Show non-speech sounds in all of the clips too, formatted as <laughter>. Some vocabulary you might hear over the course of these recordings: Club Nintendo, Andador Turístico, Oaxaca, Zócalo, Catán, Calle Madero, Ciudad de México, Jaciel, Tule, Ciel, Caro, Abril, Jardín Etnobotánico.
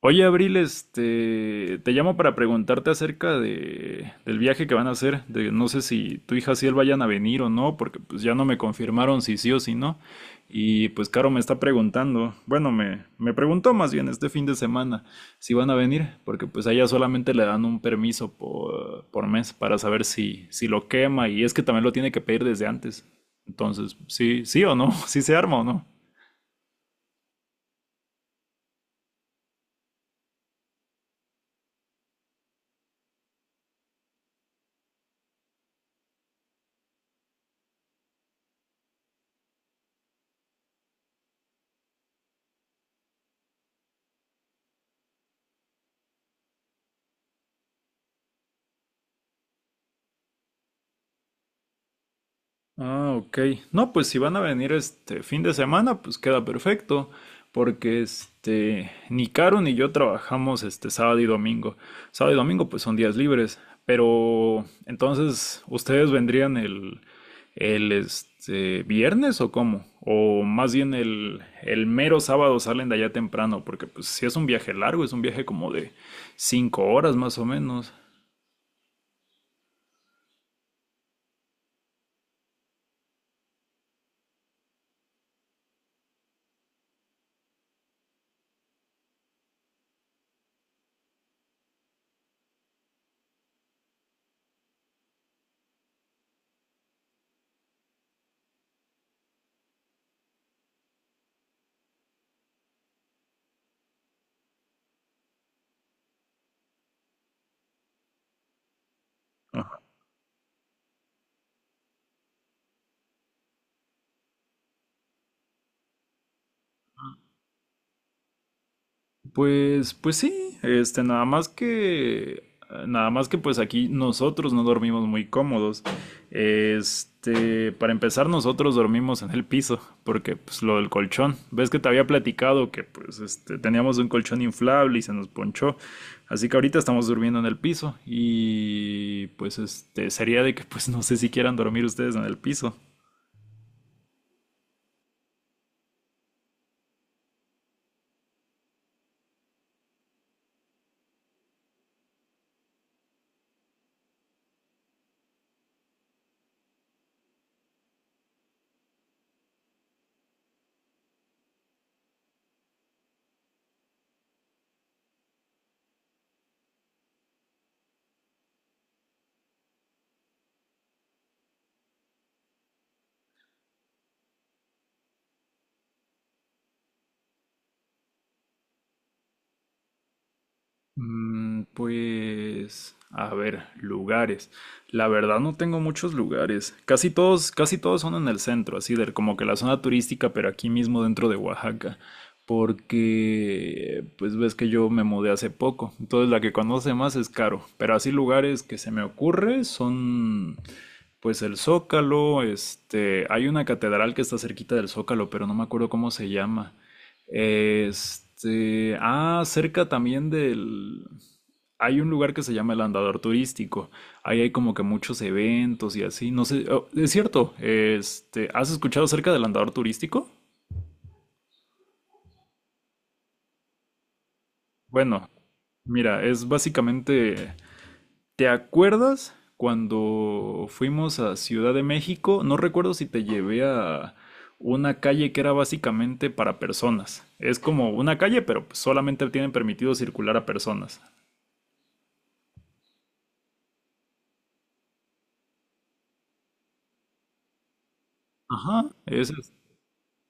Oye, Abril, te llamo para preguntarte acerca del viaje que van a hacer. De, no sé si tu hija Ciel vayan a venir o no, porque pues ya no me confirmaron si sí o si no. Y pues Caro me está preguntando, bueno, me preguntó más bien este fin de semana si van a venir, porque pues a ella solamente le dan un permiso por mes para saber si lo quema y es que también lo tiene que pedir desde antes. Entonces, sí, sí o no, <laughs> si se arma o no. Ah, ok. No, pues si van a venir este fin de semana, pues queda perfecto, porque ni Caro ni yo trabajamos este sábado y domingo. Sábado y domingo pues son días libres, pero entonces ustedes vendrían el viernes o cómo? O más bien el mero sábado salen de allá temprano, porque pues si es un viaje largo, es un viaje como de 5 horas más o menos. Pues sí, nada más que pues aquí nosotros no dormimos muy cómodos. Para empezar nosotros dormimos en el piso, porque pues lo del colchón. Ves que te había platicado que pues teníamos un colchón inflable y se nos ponchó. Así que ahorita estamos durmiendo en el piso y pues sería de que pues no sé si quieran dormir ustedes en el piso. Mm, pues, a ver, lugares. La verdad no tengo muchos lugares. Casi todos son en el centro, así de como que la zona turística, pero aquí mismo dentro de Oaxaca. Porque, pues ves que yo me mudé hace poco. Entonces la que conoce más es Caro. Pero así lugares que se me ocurre son, pues el Zócalo, hay una catedral que está cerquita del Zócalo, pero no me acuerdo cómo se llama. Cerca también Hay un lugar que se llama el Andador Turístico. Ahí hay como que muchos eventos y así. No sé, oh, es cierto. ¿Has escuchado acerca del Andador Turístico? Bueno, mira, es básicamente... ¿Te acuerdas cuando fuimos a Ciudad de México? No recuerdo si te llevé a una calle que era básicamente para personas. Es como una calle, pero solamente tienen permitido circular a personas. Ajá, es, es-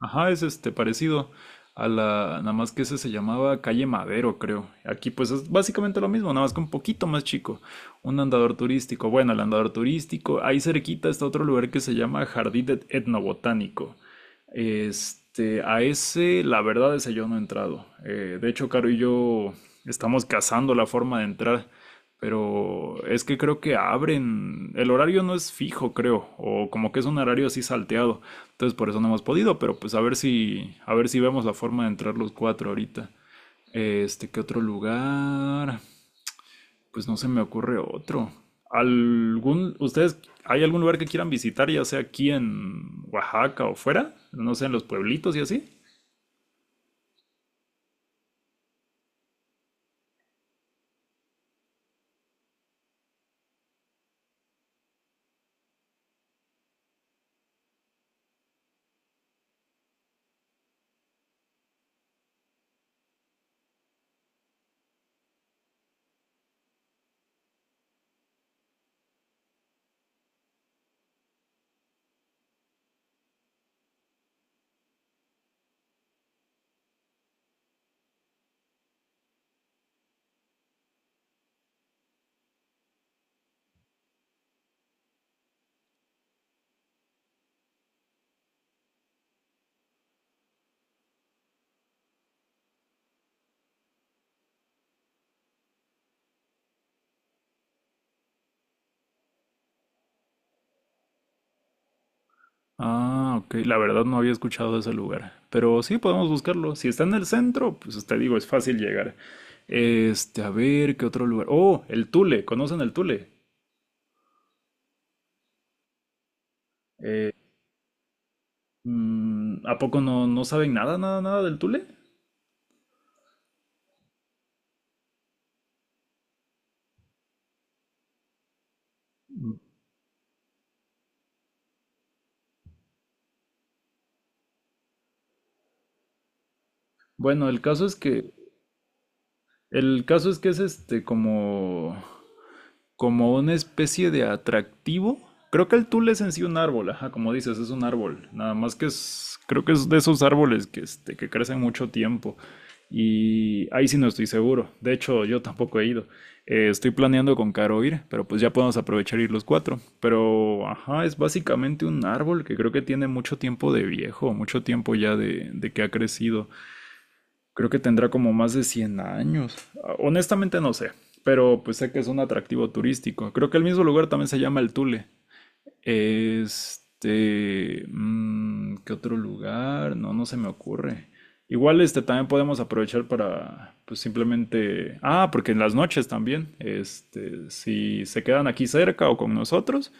ajá, es este parecido a la, nada más que ese se llamaba Calle Madero, creo. Aquí pues es básicamente lo mismo, nada más que un poquito más chico. Un andador turístico. Bueno, el andador turístico, ahí cerquita está otro lugar que se llama Etnobotánico. Este, a ese, la verdad, Ese yo no he entrado. De hecho, Caro y yo estamos cazando la forma de entrar. Pero es que creo que abren, el horario no es fijo, creo, o como que es un horario así salteado. Entonces por eso no hemos podido, pero pues a ver si vemos la forma de entrar los cuatro ahorita. ¿Qué otro lugar? Pues no se me ocurre otro. ¿Algún, ustedes, hay algún lugar que quieran visitar, ya sea aquí en Oaxaca o fuera? No sé, en los pueblitos y así. Ah, ok. La verdad no había escuchado de ese lugar. Pero sí podemos buscarlo. Si está en el centro, pues te digo, es fácil llegar. A ver, ¿qué otro lugar? Oh, el Tule. ¿Conocen el Tule? Eh, mm, ¿a poco no saben nada del Tule? Bueno, el caso es que. El caso es que es como una especie de atractivo. Creo que el tul es en sí un árbol, ajá, como dices, es un árbol. Nada más que es, Creo que es de esos árboles que, que crecen mucho tiempo. Y ahí sí no estoy seguro. De hecho, yo tampoco he ido. Estoy planeando con Caro ir, pero pues ya podemos aprovechar ir los cuatro. Pero, ajá, es básicamente un árbol que creo que tiene mucho tiempo de viejo, mucho tiempo ya de que ha crecido. Creo que tendrá como más de 100 años. Ah, honestamente no sé, pero pues sé que es un atractivo turístico. Creo que el mismo lugar también se llama el Tule. ¿Qué otro lugar? No, no se me ocurre. Igual este también podemos aprovechar para pues simplemente, ah, porque en las noches también, si se quedan aquí cerca o con nosotros,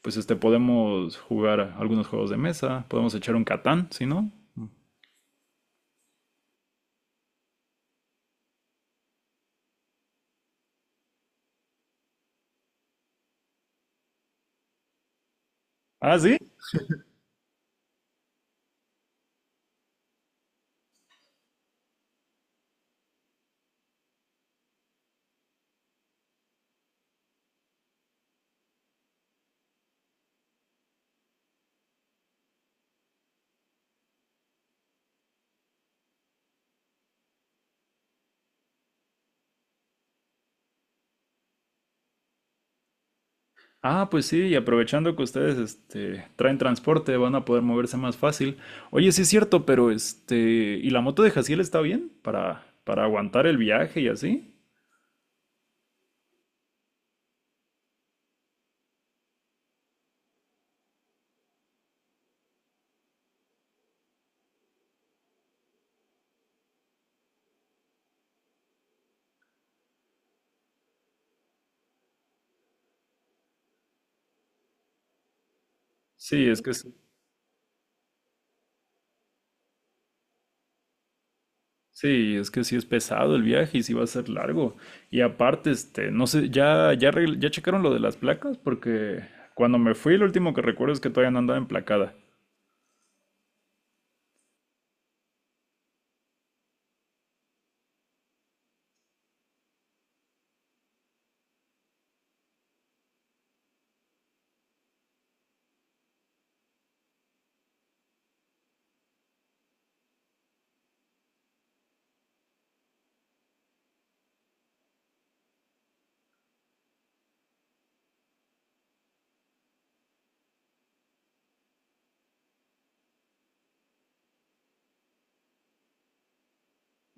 pues podemos jugar algunos juegos de mesa, podemos echar un Catán, si no. Ah, sí. Ah, pues sí, y aprovechando que ustedes traen transporte, van a poder moverse más fácil. Oye, sí es cierto, pero ¿y la moto de Jaciel está bien para aguantar el viaje y así? Sí, es que sí es pesado el viaje y sí va a ser largo. Y aparte, no sé, ya checaron lo de las placas, porque cuando me fui, lo último que recuerdo es que todavía no andaba emplacada.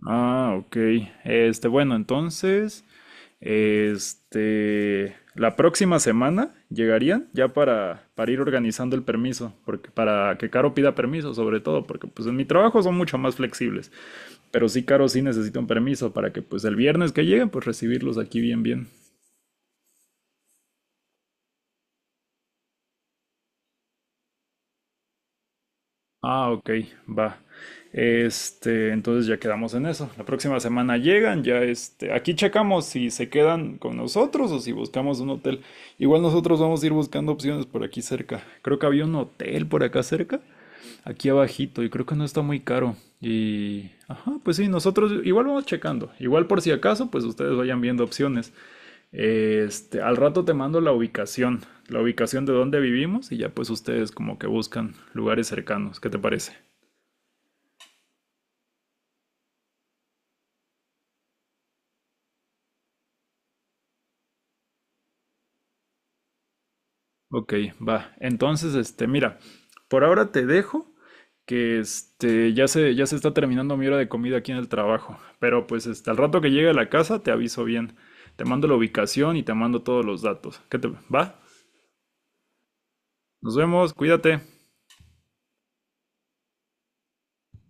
Ah, ok. Entonces, la próxima semana llegarían ya para ir organizando el permiso, porque para que Caro pida permiso, sobre todo, porque pues en mi trabajo son mucho más flexibles, pero sí, Caro sí necesita un permiso para que pues el viernes que lleguen, pues recibirlos aquí bien. Ah, ok, va. Entonces ya quedamos en eso. La próxima semana llegan, ya aquí checamos si se quedan con nosotros o si buscamos un hotel. Igual nosotros vamos a ir buscando opciones por aquí cerca. Creo que había un hotel por acá cerca aquí abajito y creo que no está muy caro. Y, ajá, pues sí, nosotros igual vamos checando. Igual por si acaso, pues ustedes vayan viendo opciones. Al rato te mando la ubicación de donde vivimos y ya pues ustedes como que buscan lugares cercanos. ¿Qué te parece? Ok, va. Entonces, mira, por ahora te dejo, que ya se está terminando mi hora de comida aquí en el trabajo. Pero pues al rato que llegue a la casa te aviso bien. Te mando la ubicación y te mando todos los datos. ¿Qué te va? Nos vemos, cuídate.